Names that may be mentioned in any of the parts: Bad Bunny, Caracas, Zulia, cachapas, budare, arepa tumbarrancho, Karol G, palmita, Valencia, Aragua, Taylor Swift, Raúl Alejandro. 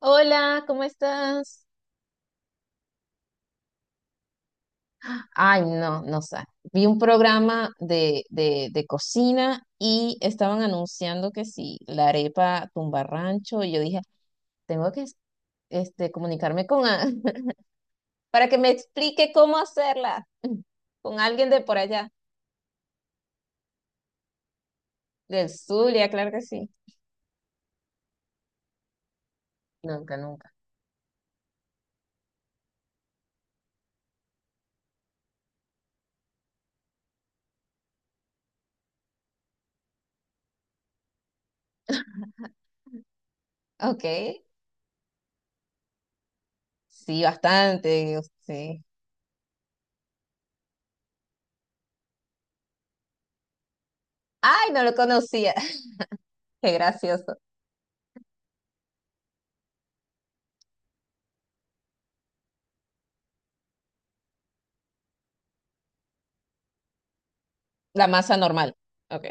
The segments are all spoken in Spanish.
Hola, ¿cómo estás? Ay, no, no sé. Vi un programa de cocina y estaban anunciando que sí, la arepa tumbarrancho, y yo dije, tengo que comunicarme con a- para que me explique cómo hacerla. Con alguien de por allá, del Zulia, claro que sí. Nunca, nunca. Ok, sí, bastante, digo, sí. Ay, no lo conocía. Qué gracioso. La masa normal. Ok.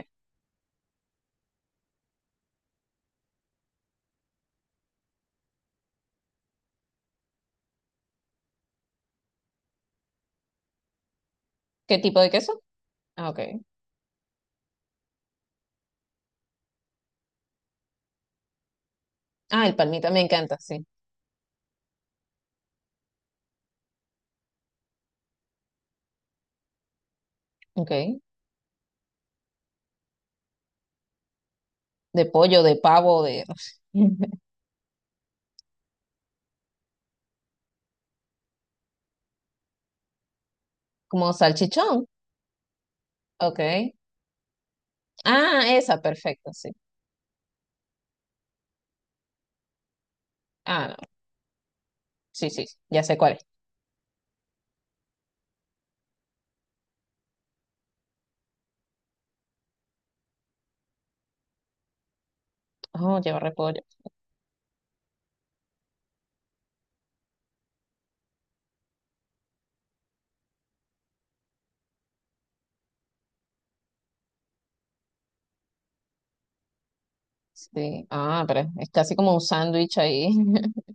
¿Qué tipo de queso? Ah, ok. Ah, el palmita me encanta, sí. Ok. De pollo, de pavo, de... Como salchichón. Ok. Ah, esa, perfecto, sí. Ah, no. Sí, sí, sí, ya sé cuál es. Oh, lleva repollo. Sí. Ah, pero es casi como un sándwich ahí.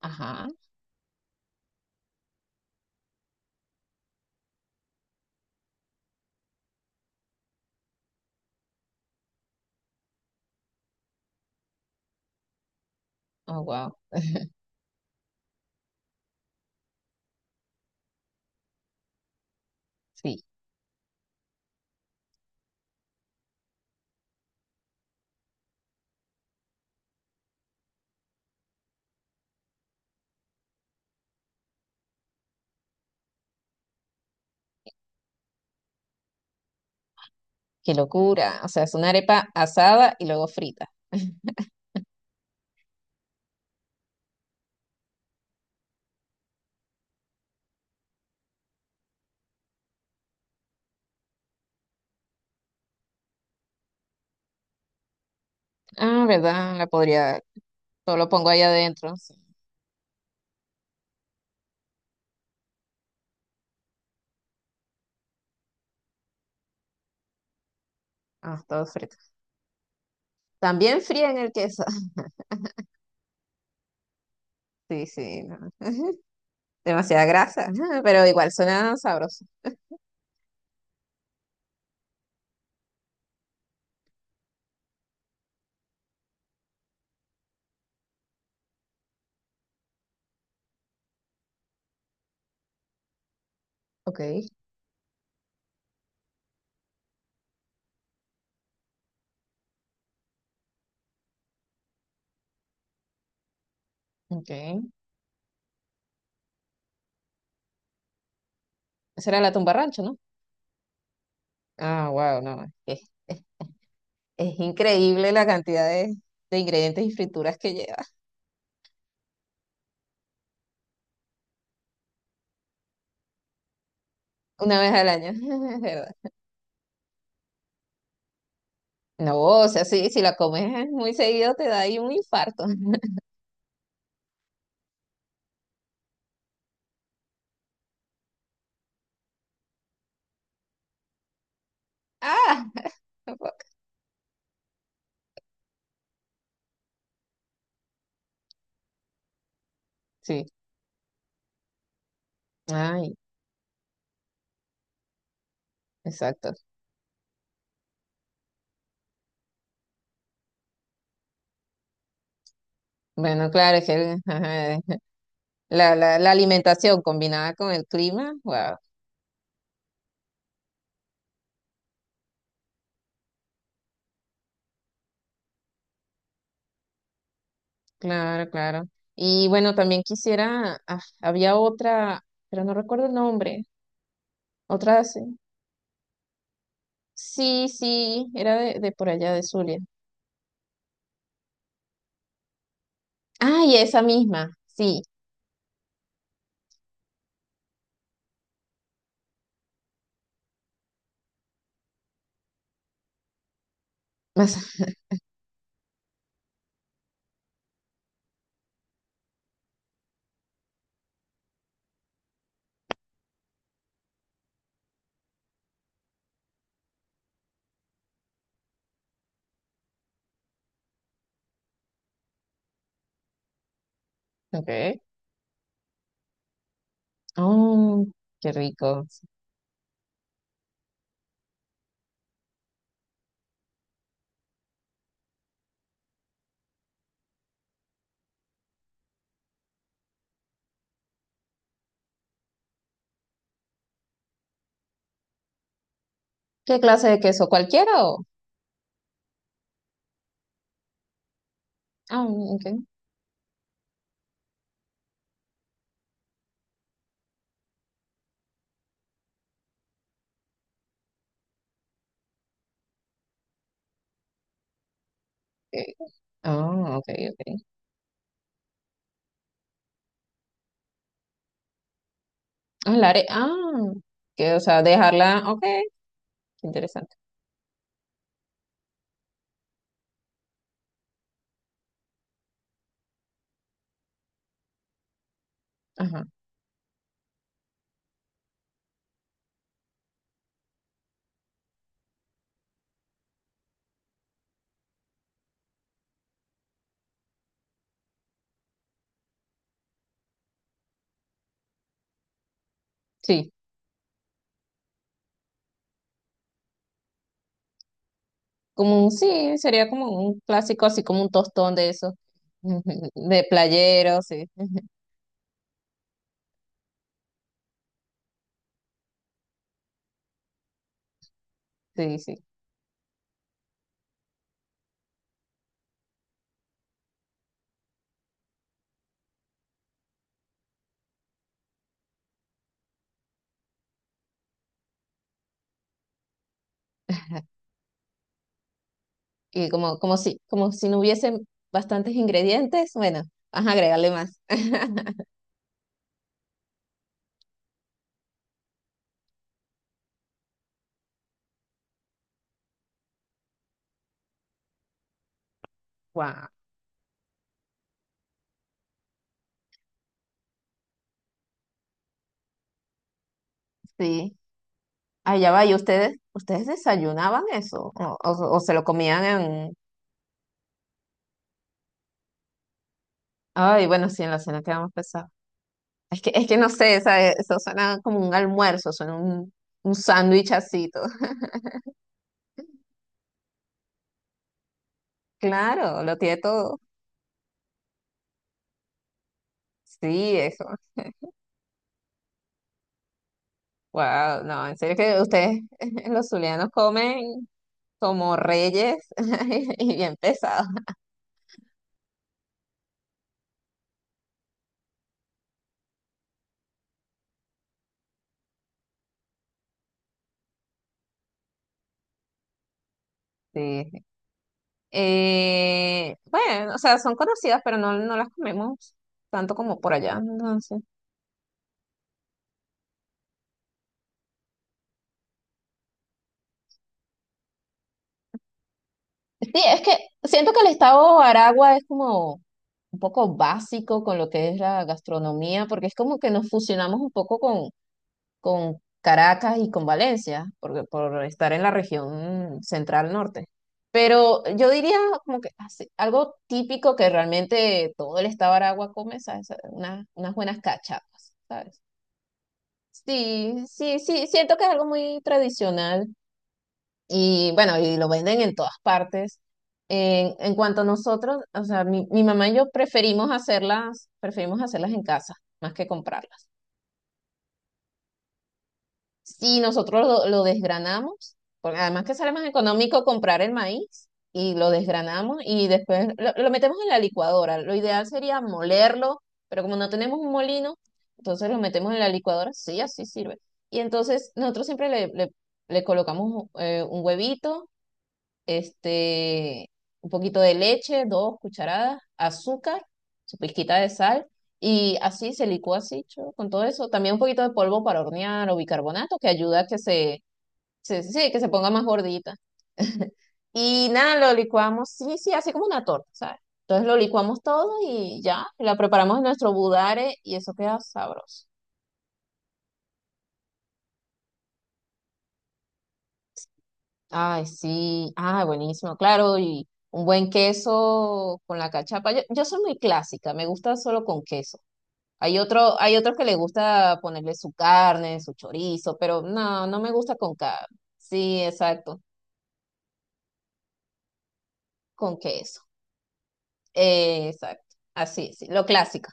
Ajá. Oh, wow. Sí. Qué locura. O sea, es una arepa asada y luego frita. Ah, ¿verdad? La podría... Todo lo pongo ahí adentro, sí. Ah, todo frito. También fríen el queso. Sí, sí, no, demasiada grasa, pero igual suena sabroso. Ok, ok. Esa era la tumba rancho, ¿no? Ah, wow, no. Es increíble la cantidad de ingredientes y frituras que lleva una vez al año, es verdad. No, o sea, sí, si la comes muy seguido te da ahí un infarto. Ah, tampoco, sí. Ay, exacto. Bueno, claro, es que ajá, la alimentación combinada con el clima, wow. Claro, claro. Y bueno, también quisiera, ah, había otra, pero no recuerdo el nombre, otra, sí, sí, sí, era de por allá de Zulia. Ay, esa misma, sí, más, ok. Oh, qué rico. ¿Qué clase de queso? ¿Cualquiera o? Ah, ok, ok. Ah, ok, ok. Ah, la are- ah, que, o sea, dejarla, ok, qué interesante. Ajá, sí. Como un, sí, sería como un clásico, así como un tostón de eso, de playero, sí, sí, sí. Y como, como si no hubiesen bastantes ingredientes, bueno, vas a agregarle más. Wow, sí. Allá va, ¿y ustedes, ustedes desayunaban eso? O se lo comían en... Ay, bueno, sí, en la cena quedamos pesados. Es que no sé, ¿sabe? Eso suena como un almuerzo, suena un sándwich así, todo. Claro, lo tiene todo. Sí, eso. Wow, no, en serio que ustedes, los zulianos, comen como reyes y bien pesados. Sí. Bueno, o sea, son conocidas, pero no, no las comemos tanto como por allá. Entonces. Sí, es que siento que el estado Aragua es como un poco básico con lo que es la gastronomía, porque es como que nos fusionamos un poco con Caracas y con Valencia, porque, por estar en la región central norte. Pero yo diría como que así, algo típico que realmente todo el estado de Aragua come, ¿sabes? Unas, unas buenas cachapas, ¿sabes? Sí, sí, sí, siento que es algo muy tradicional y bueno, y lo venden en todas partes. En cuanto a nosotros, o sea, mi mamá y yo preferimos hacerlas en casa más que comprarlas. Si nosotros lo desgranamos, porque además que sale más económico comprar el maíz y lo desgranamos y después lo metemos en la licuadora. Lo ideal sería molerlo, pero como no tenemos un molino, entonces lo metemos en la licuadora, sí, así sirve. Y entonces nosotros siempre le colocamos un huevito este, un poquito de leche, dos cucharadas, azúcar, su pizquita de sal, y así se licúa así, cho, con todo eso. También un poquito de polvo para hornear o bicarbonato, que ayuda a que sí, que se ponga más gordita. Y nada, lo licuamos, sí, sí, así como una torta, ¿sabes? Entonces lo licuamos todo y ya, la preparamos en nuestro budare y eso queda sabroso. Ay, sí, ah, buenísimo, claro, y un buen queso con la cachapa. Yo soy muy clásica, me gusta solo con queso. Hay otro, hay otros que le gusta ponerle su carne, su chorizo, pero no, no me gusta con carne. Sí, exacto, con queso. Exacto, así, sí, lo clásico.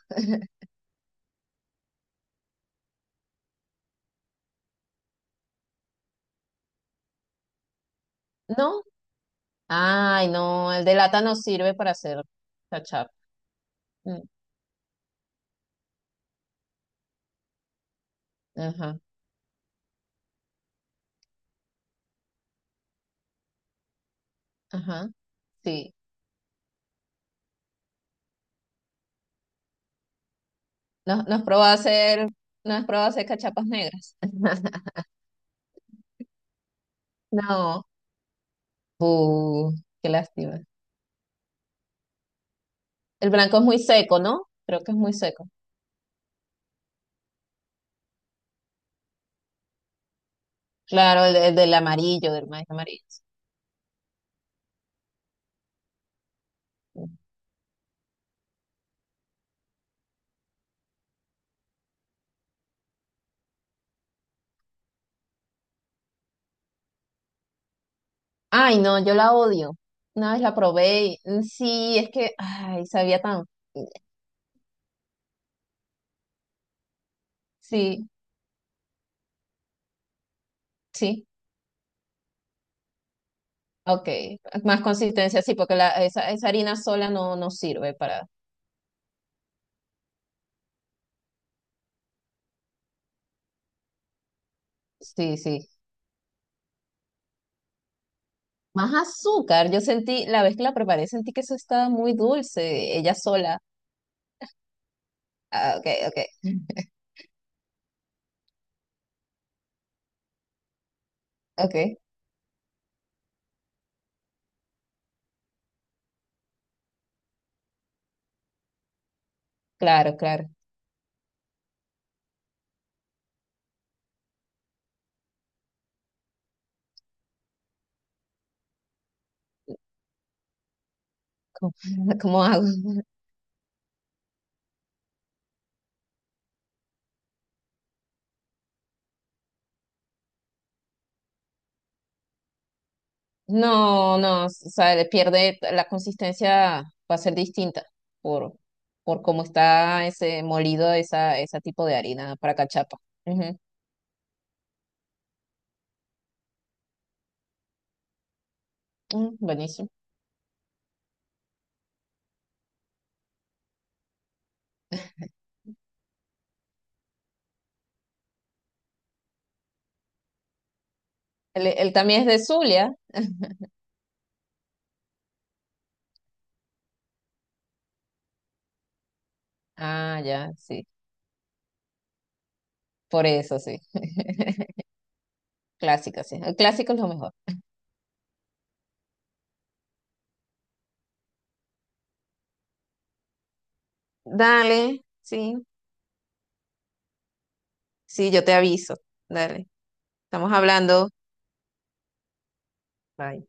¿No? Ay, no, el de lata no sirve para hacer cachapa. Mm, ajá, ajá, sí. Nos, nos probó hacer cachapas negras. No. Uh, qué lástima. El blanco es muy seco, ¿no? Creo que es muy seco. Claro, el del amarillo, del maíz amarillo, sí. Ay, no, yo la odio. Una vez la probé y mm, sí, es que, ay, sabía tan. Sí, sí, ok. Más consistencia, sí, porque la, esa harina sola no, no sirve para. Sí, sí. Más azúcar. Yo sentí, la vez que la preparé, sentí que eso estaba muy dulce, ella sola. Ah, ok, ok, ok. Claro, claro. ¿Cómo, cómo hago? No, no, o sea, le pierde la consistencia, va a ser distinta por, por cómo está ese molido, esa, ese tipo de harina para cachapa. Ujú. Mm, buenísimo. Él también es de Zulia. Ah, ya, sí. Por eso, sí. Clásico, sí. El clásico es lo mejor. Dale, sí. Sí, yo te aviso. Dale. Estamos hablando. Bye.